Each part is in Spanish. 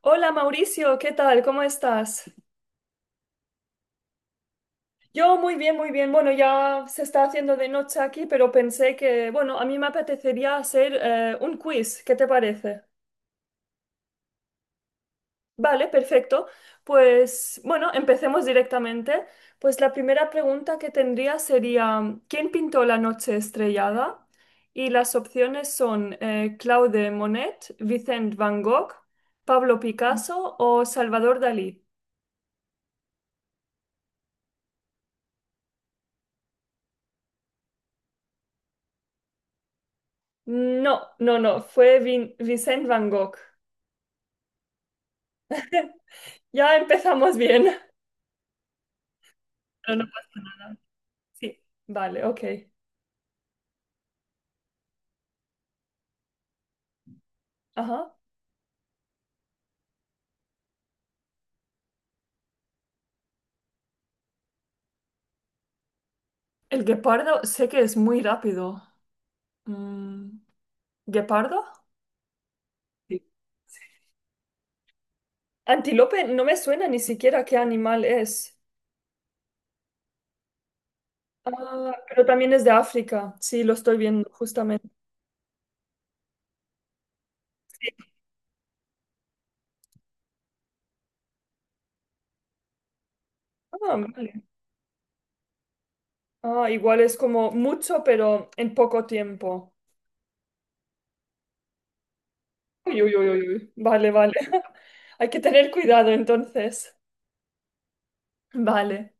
Hola Mauricio, ¿qué tal? ¿Cómo estás? Yo muy bien, muy bien. Bueno, ya se está haciendo de noche aquí, pero pensé que, bueno, a mí me apetecería hacer un quiz. ¿Qué te parece? Vale, perfecto. Pues bueno, empecemos directamente. Pues la primera pregunta que tendría sería, ¿quién pintó la noche estrellada? Y las opciones son Claude Monet, Vicent Van Gogh, Pablo Picasso o Salvador Dalí. No, no, no, fue Vincent Van Gogh. Ya empezamos bien. No, no, sí, vale, ok. Ajá. El guepardo sé que es muy rápido. Mm, ¿Guepardo? Sí. Antílope no me suena ni siquiera qué animal es. Ah, pero también es de África. Sí, lo estoy viendo justamente. Ah, vale. Ah, igual es como mucho, pero en poco tiempo. Uy, uy, uy, uy, uy. Vale, vale. Hay que tener cuidado entonces. Vale.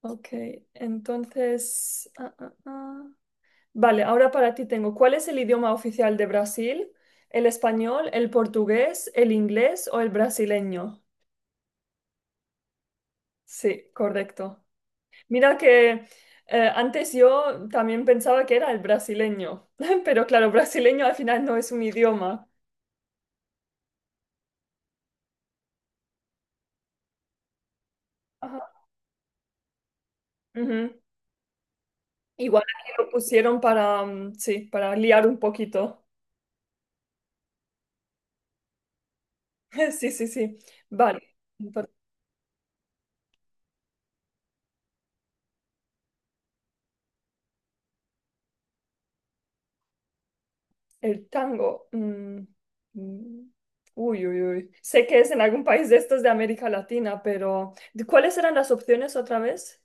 Ok, entonces. Ah. Vale, ahora para ti tengo, ¿cuál es el idioma oficial de Brasil? ¿El español, el portugués, el inglés o el brasileño? Sí, correcto. Mira que antes yo también pensaba que era el brasileño, pero claro, brasileño al final no es un idioma. Ajá. Ujú. Igual aquí lo pusieron para, sí, para liar un poquito. Sí, sí, sí. Vale. Entonces, el tango. Mm, uy, uy, uy. Sé que es en algún país de estos de América Latina, pero ¿de ¿cuáles eran las opciones otra vez?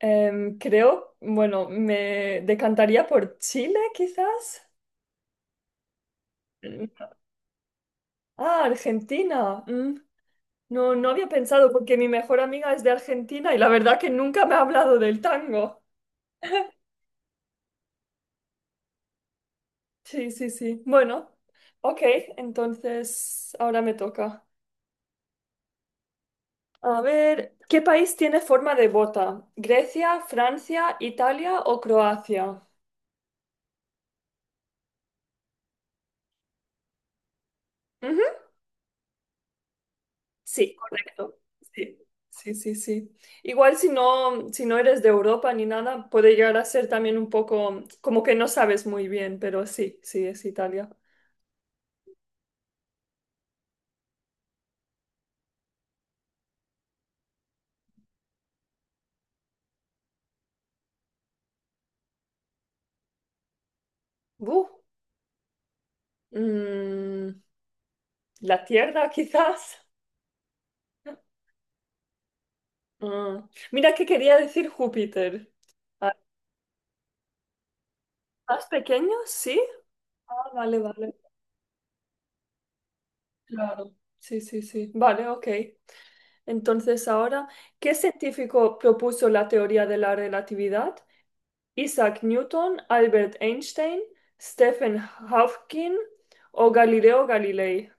Creo, bueno, me decantaría por Chile, quizás. Mm. Ah, Argentina. No, no había pensado porque mi mejor amiga es de Argentina y la verdad que nunca me ha hablado del tango. Sí, sí, sí. Bueno, ok, entonces ahora me toca. A ver, ¿qué país tiene forma de bota? ¿Grecia, Francia, Italia o Croacia? Ujú. Sí, correcto. Sí, sí, sí, sí. Igual si no eres de Europa ni nada, puede llegar a ser también un poco como que no sabes muy bien, pero sí, sí, es Italia. Buh. Mm, la Tierra, quizás. Ah, mira que quería decir Júpiter. Ah, ¿más pequeño? Sí. Ah, vale, vale. Claro. Sí, sí, sí. Vale, ok. Entonces ahora, ¿qué científico propuso la teoría de la relatividad? Isaac Newton, Albert Einstein, Stephen Hawking o Galileo Galilei.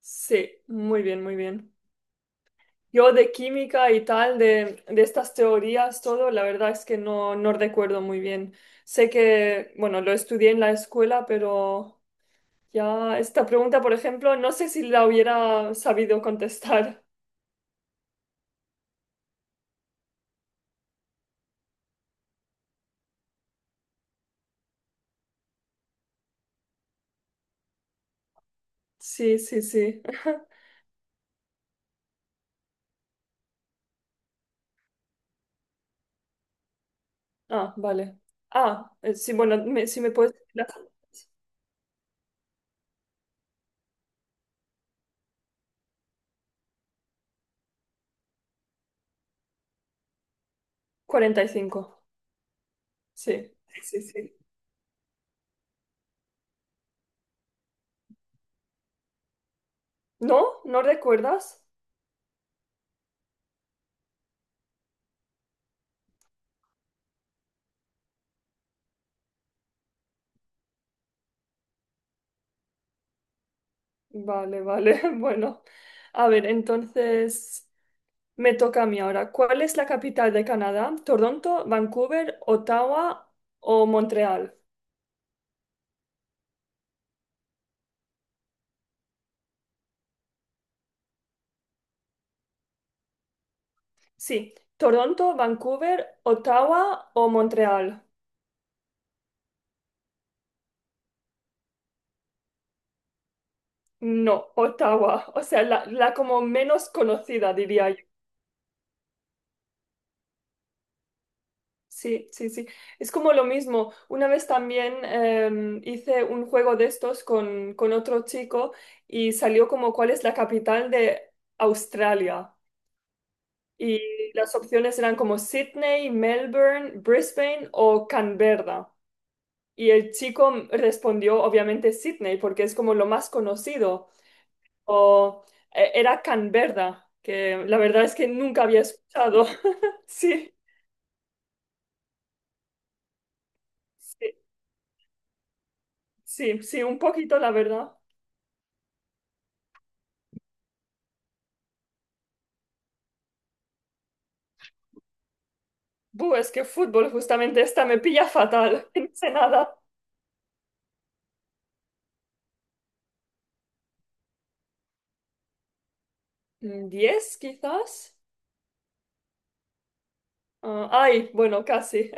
Sí, muy bien, muy bien. Yo de química y tal, de estas teorías, todo, la verdad es que no, no recuerdo muy bien. Sé que, bueno, lo estudié en la escuela, pero ya, esta pregunta, por ejemplo, no sé si la hubiera sabido contestar. Sí, sí, sí. Ah, vale. Ah, sí, bueno, si me puedes decir cuarenta y cinco. Sí, sí, sí. Sí. ¿No? ¿No recuerdas? Vale, vale. Bueno, a ver, entonces me toca a mí ahora. ¿Cuál es la capital de Canadá? ¿Toronto, Vancouver, Ottawa o Montreal? Sí, Toronto, Vancouver, Ottawa o Montreal. No, Ottawa, o sea, la como menos conocida, diría yo. Sí, sí, sí. Es como lo mismo. Una vez también hice un juego de estos con otro chico y salió como cuál es la capital de Australia. Y las opciones eran como Sydney, Melbourne, Brisbane o Canberra. Y el chico respondió obviamente Sydney porque es como lo más conocido. O, era Canberra, que la verdad es que nunca había escuchado. Sí, sí, sí, sí, un poquito, la verdad. Buh, es que fútbol, justamente esta me pilla fatal. No sé nada. ¿Diez, quizás? Ah, ay, bueno, casi,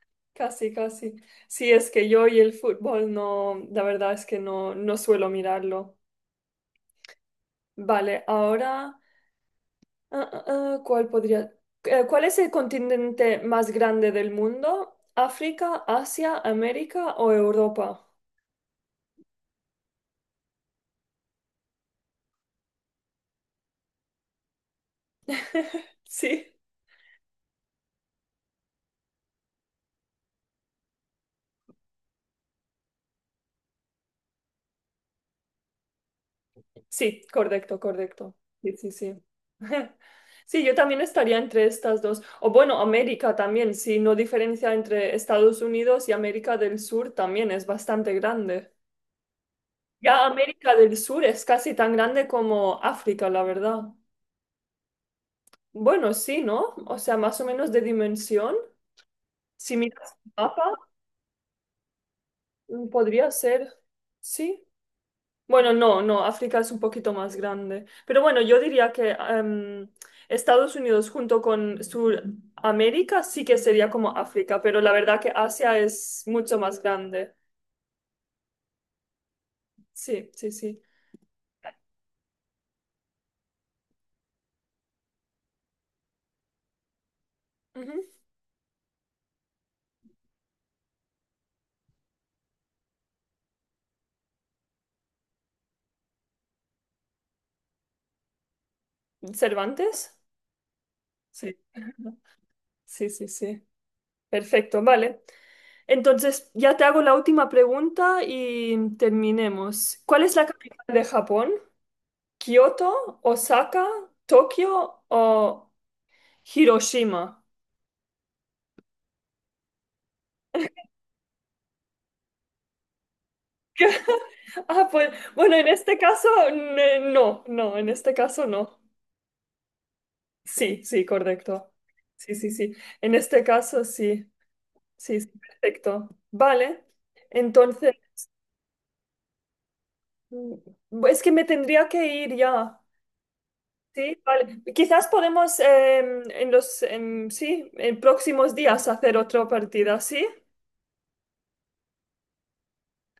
casi, casi. Sí, es que yo y el fútbol no, la verdad es que no, no suelo mirarlo. Vale, ahora. Ah, ah, ah, ¿cuál podría? ¿Cuál es el continente más grande del mundo? ¿África, Asia, América o Europa? Sí, sí, correcto, correcto. Sí, sí, sí. Sí, yo también estaría entre estas dos. O bueno, América también, si no diferencia entre Estados Unidos y América del Sur también es bastante grande. Ya América del Sur es casi tan grande como África, la verdad. Bueno, sí, ¿no? O sea, más o menos de dimensión. Si miras el mapa, podría ser, sí. Bueno, no, no, África es un poquito más grande. Pero bueno, yo diría que Estados Unidos junto con Sudamérica sí que sería como África, pero la verdad que Asia es mucho más grande. Sí, sí, sí. Ujú. ¿Cervantes? Sí, sí, sí, sí. Perfecto, vale. Entonces, ya te hago la última pregunta y terminemos. ¿Cuál es la capital de Japón? Kioto, Osaka, Tokio o Hiroshima. Ah, pues bueno, en este caso no, no, en este caso no. Sí, sí, correcto. Sí, sí, sí. En este caso sí, sí, sí, perfecto. Vale. Entonces, es que me tendría que ir ya. Sí, vale. Quizás podemos sí, en próximos días hacer otra partida, ¿sí?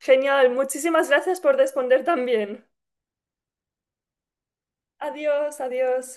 Genial. Muchísimas gracias por responder también. Adiós, adiós.